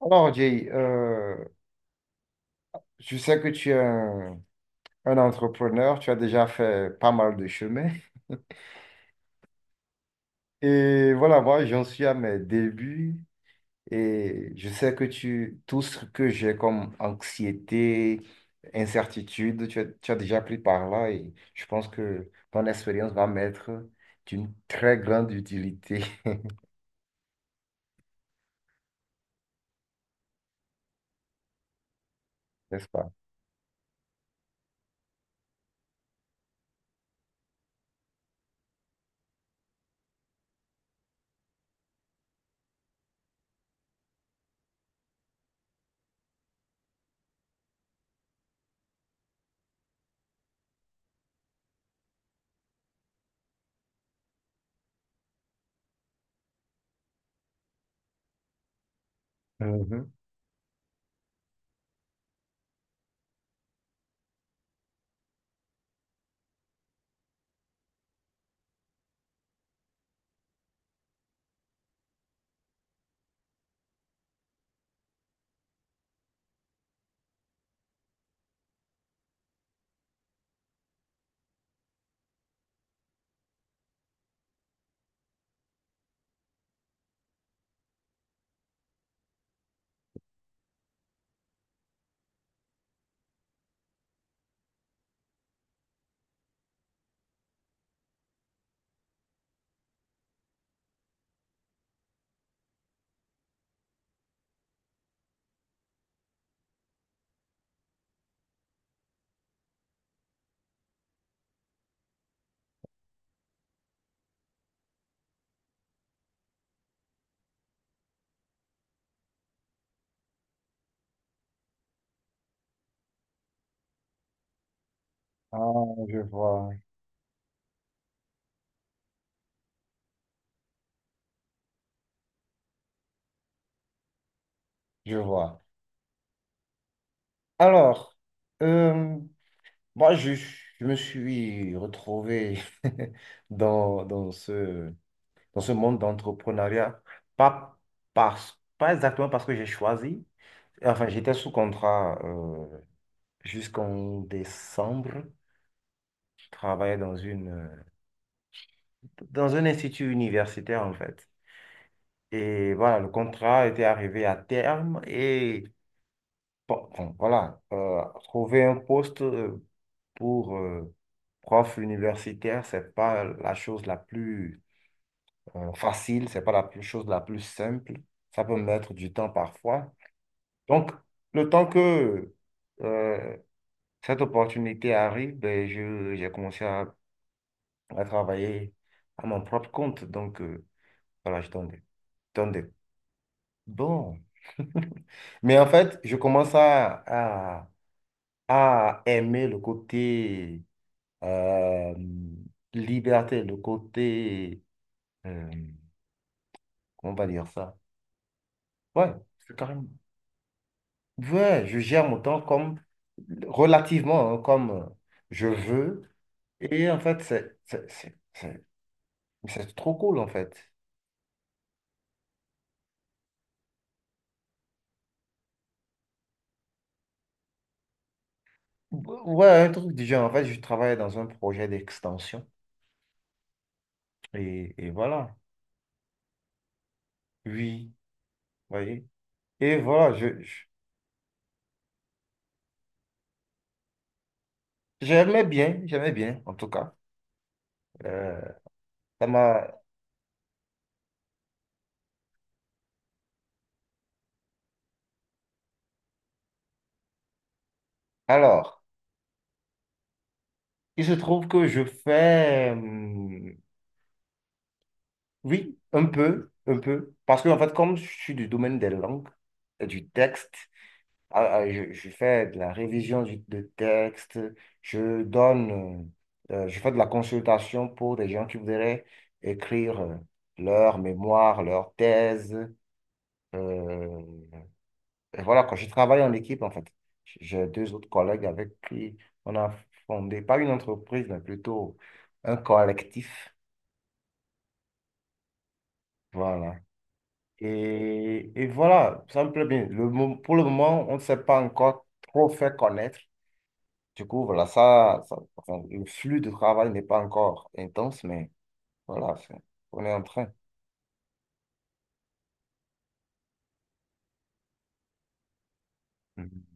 Alors, Jay, je sais que tu es un entrepreneur, tu as déjà fait pas mal de chemin. Et voilà, moi, j'en suis à mes débuts et je sais que tout ce que j'ai comme anxiété, incertitude, tu as déjà pris par là et je pense que ton expérience va m'être d'une très grande utilité, n'est-ce pas? Mhm. Ah, je vois, je vois. Alors, euh, moi, je me suis retrouvé dans dans ce monde d'entrepreneuriat, pas, pas exactement parce que j'ai choisi. Enfin, j'étais sous contrat jusqu'en décembre. Je travaillais dans dans un institut universitaire, en fait. Et voilà, le contrat était arrivé à terme. Et bon, voilà, trouver un poste pour... euh, prof universitaire, c'est pas la chose la plus facile, c'est pas chose la plus simple. Ça peut mettre du temps parfois. Donc, le temps que euh, cette opportunité arrive, ben, j'ai commencé à travailler à mon propre compte. Donc, voilà, donne des- Bon. Mais en fait, je commence à aimer le côté euh, liberté, euh, comment on va dire ça? Ouais, c'est carrément... Ouais, je gère mon temps comme relativement hein, comme je veux. Et en fait, c'est trop cool en fait. Ouais, un truc du genre. En fait, je travaille dans un projet d'extension. Et voilà. Oui, vous voyez. Et voilà, j'aimais j'aimais bien en tout cas. Euh, ça m'a... Alors, il se trouve que je fais, oui, un peu. Parce que en fait, comme je suis du domaine des langues, et du texte, je fais de la révision de texte, je donne, je fais de la consultation pour des gens qui voudraient écrire leur mémoire, leur thèse. Euh, et voilà, quand je travaille en équipe, en fait, j'ai deux autres collègues avec qui on a fondé, pas une entreprise, mais plutôt un collectif. Voilà. Et voilà, ça me plaît bien. Pour le moment, on ne s'est pas encore trop fait connaître. Du coup, voilà, enfin, le flux de travail n'est pas encore intense, mais voilà, c'est- on est en train. Mhm,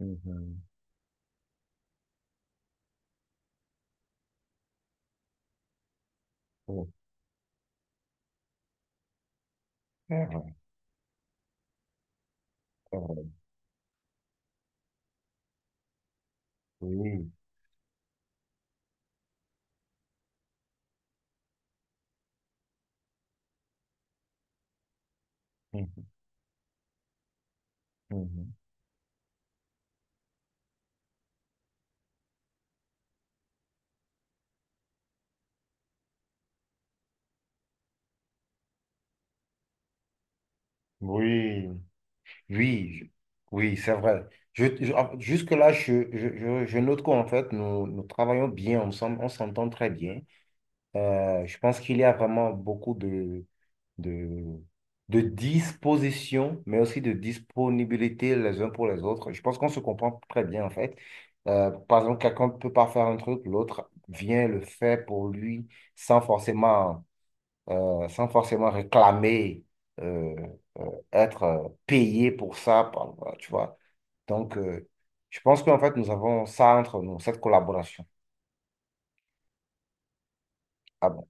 mhm. Oh, c'est vrai, c'est vrai. Oui, mhm, mhm. Oui, oui, je- oui, c'est vrai. Jusque-là, je note qu'en fait, nous travaillons bien ensemble, on s'entend très bien. Je pense qu'il y a vraiment beaucoup de, de disposition, mais aussi de disponibilité les uns pour les autres. Je pense qu'on se comprend très bien, en fait. Par exemple, quelqu'un ne peut pas faire un truc, l'autre vient le faire pour lui sans forcément, sans forcément réclamer, euh, être payé pour ça, tu vois. Donc, je pense qu'en fait, nous avons ça entre nous, cette collaboration. Ah bon.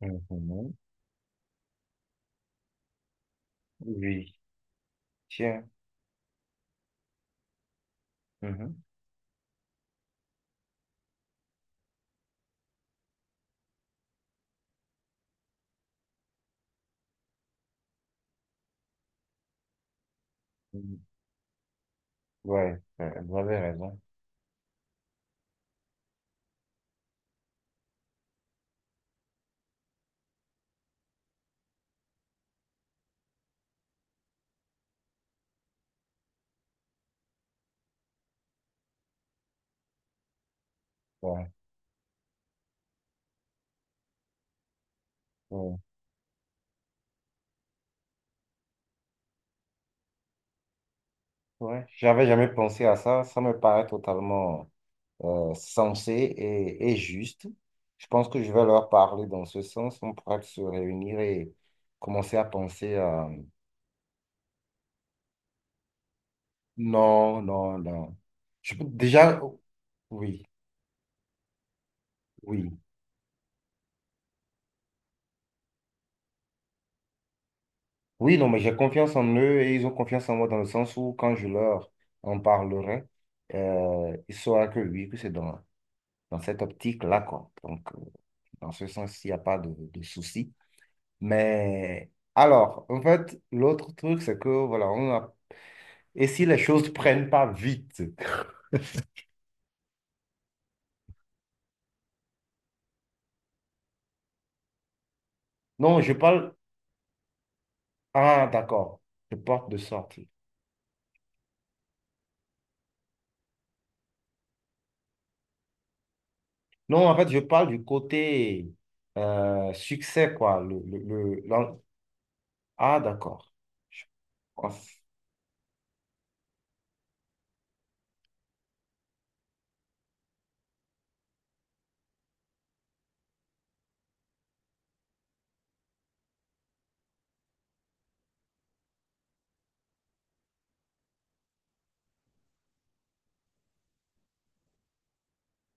Mhm. Mhm. Oui, tiens. Mhm. Mhm. Ouais, vous avez raison. Ouais. Ouais, ouais, j'avais jamais pensé à ça. Ça me paraît totalement sensé et juste. Je pense que je vais leur parler dans ce sens. On pourra se réunir et commencer à penser à... Non, non, non. Je peux déjà... Oui, oui. Oui, non, mais j'ai confiance en eux et ils ont confiance en moi dans le sens où quand je leur en parlerai, ils sauront que oui, que c'est dans, dans cette optique-là, quoi. Donc, dans ce sens, il n'y a pas de souci. Mais alors, en fait, l'autre truc, c'est que, voilà, on a... Et si les choses prennent pas vite? Non, je parle... Ah, d'accord, je porte de sortie. Non, en fait, je parle du côté succès, quoi. Le- l'en- Ah, d'accord. Je pense...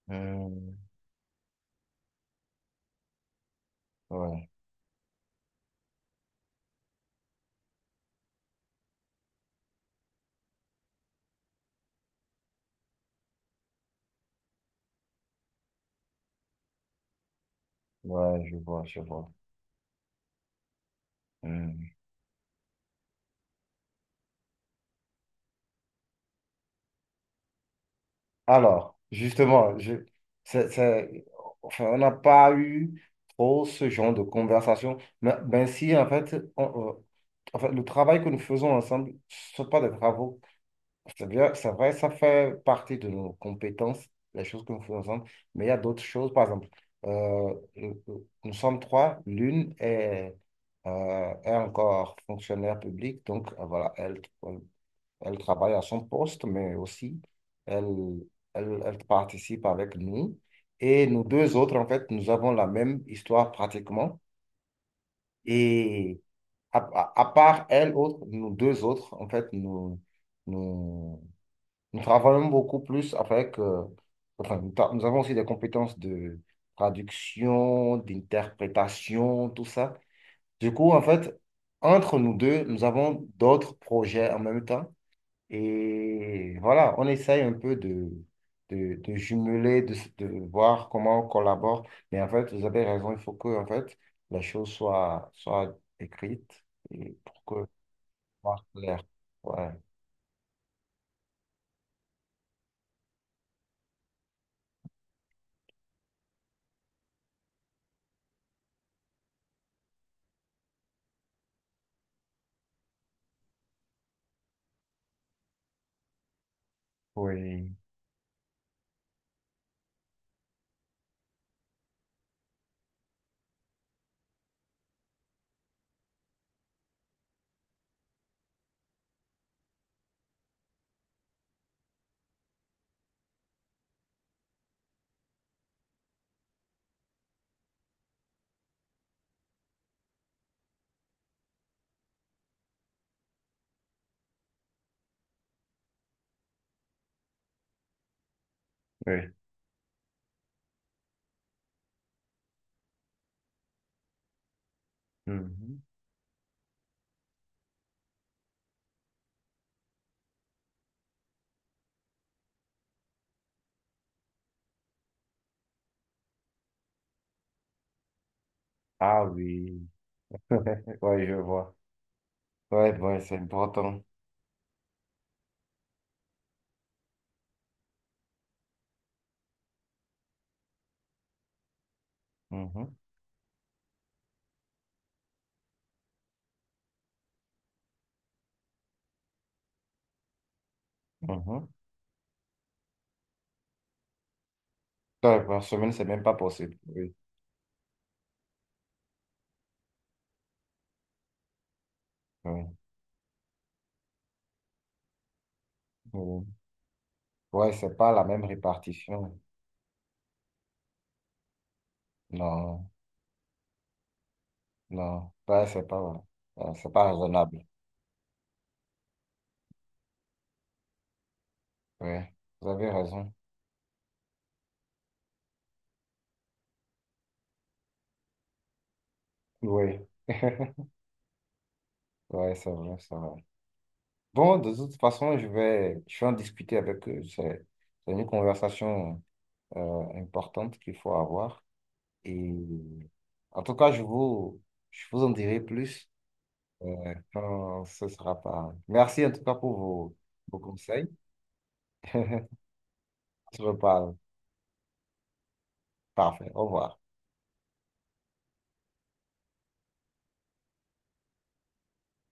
Hum, ouais, ouais, je vois. Hmm. Alors, justement, c'est- c'est- enfin, on n'a pas eu trop ce genre de conversation. Mais ben si, en fait, en fait, le travail que nous faisons ensemble, ce ne sont pas des travaux. C'est bien, c'est vrai, ça fait partie de nos compétences, les choses que nous faisons ensemble. Mais il y a d'autres choses, par exemple, nous sommes trois, est encore fonctionnaire public, donc voilà, elle. Elle travaille à son poste, mais aussi, elle, elle participe avec nous. Et nous deux autres, en fait, nous avons la même histoire pratiquement. Et à part elle, autre, nous deux autres, en fait, nous, nous travaillons beaucoup plus avec... enfin, nous avons aussi des compétences de traduction, d'interprétation, tout ça. Du coup, en fait, entre nous deux, nous avons d'autres projets en même temps. Et voilà, on essaye un peu de jumeler, de voir comment on collabore. Mais en fait, vous avez raison, il faut que en fait, la chose soit écrite et pour que soit clair. Ouais. Oui, oui. Mhm. Ah oui, ouais, je vois. Ouais, ouais, c'est important. Mhm, mhm. Ouais, par semaine, c'est même pas possible. Oui, oui, oui. Ouais, c'est pas la même répartition. Non, non, ouais, c'est pas raisonnable. Ouais, vous avez raison. Oui. Ouais, c'est vrai, c'est vrai. Bon, de toute façon, je vais en discuter avec eux. C'est une conversation importante qu'il faut avoir. Et en tout cas, je vous en dirai plus quand ce sera pas. Merci en tout cas pour vos, vos conseils. On se reparle. Parfait. Au revoir.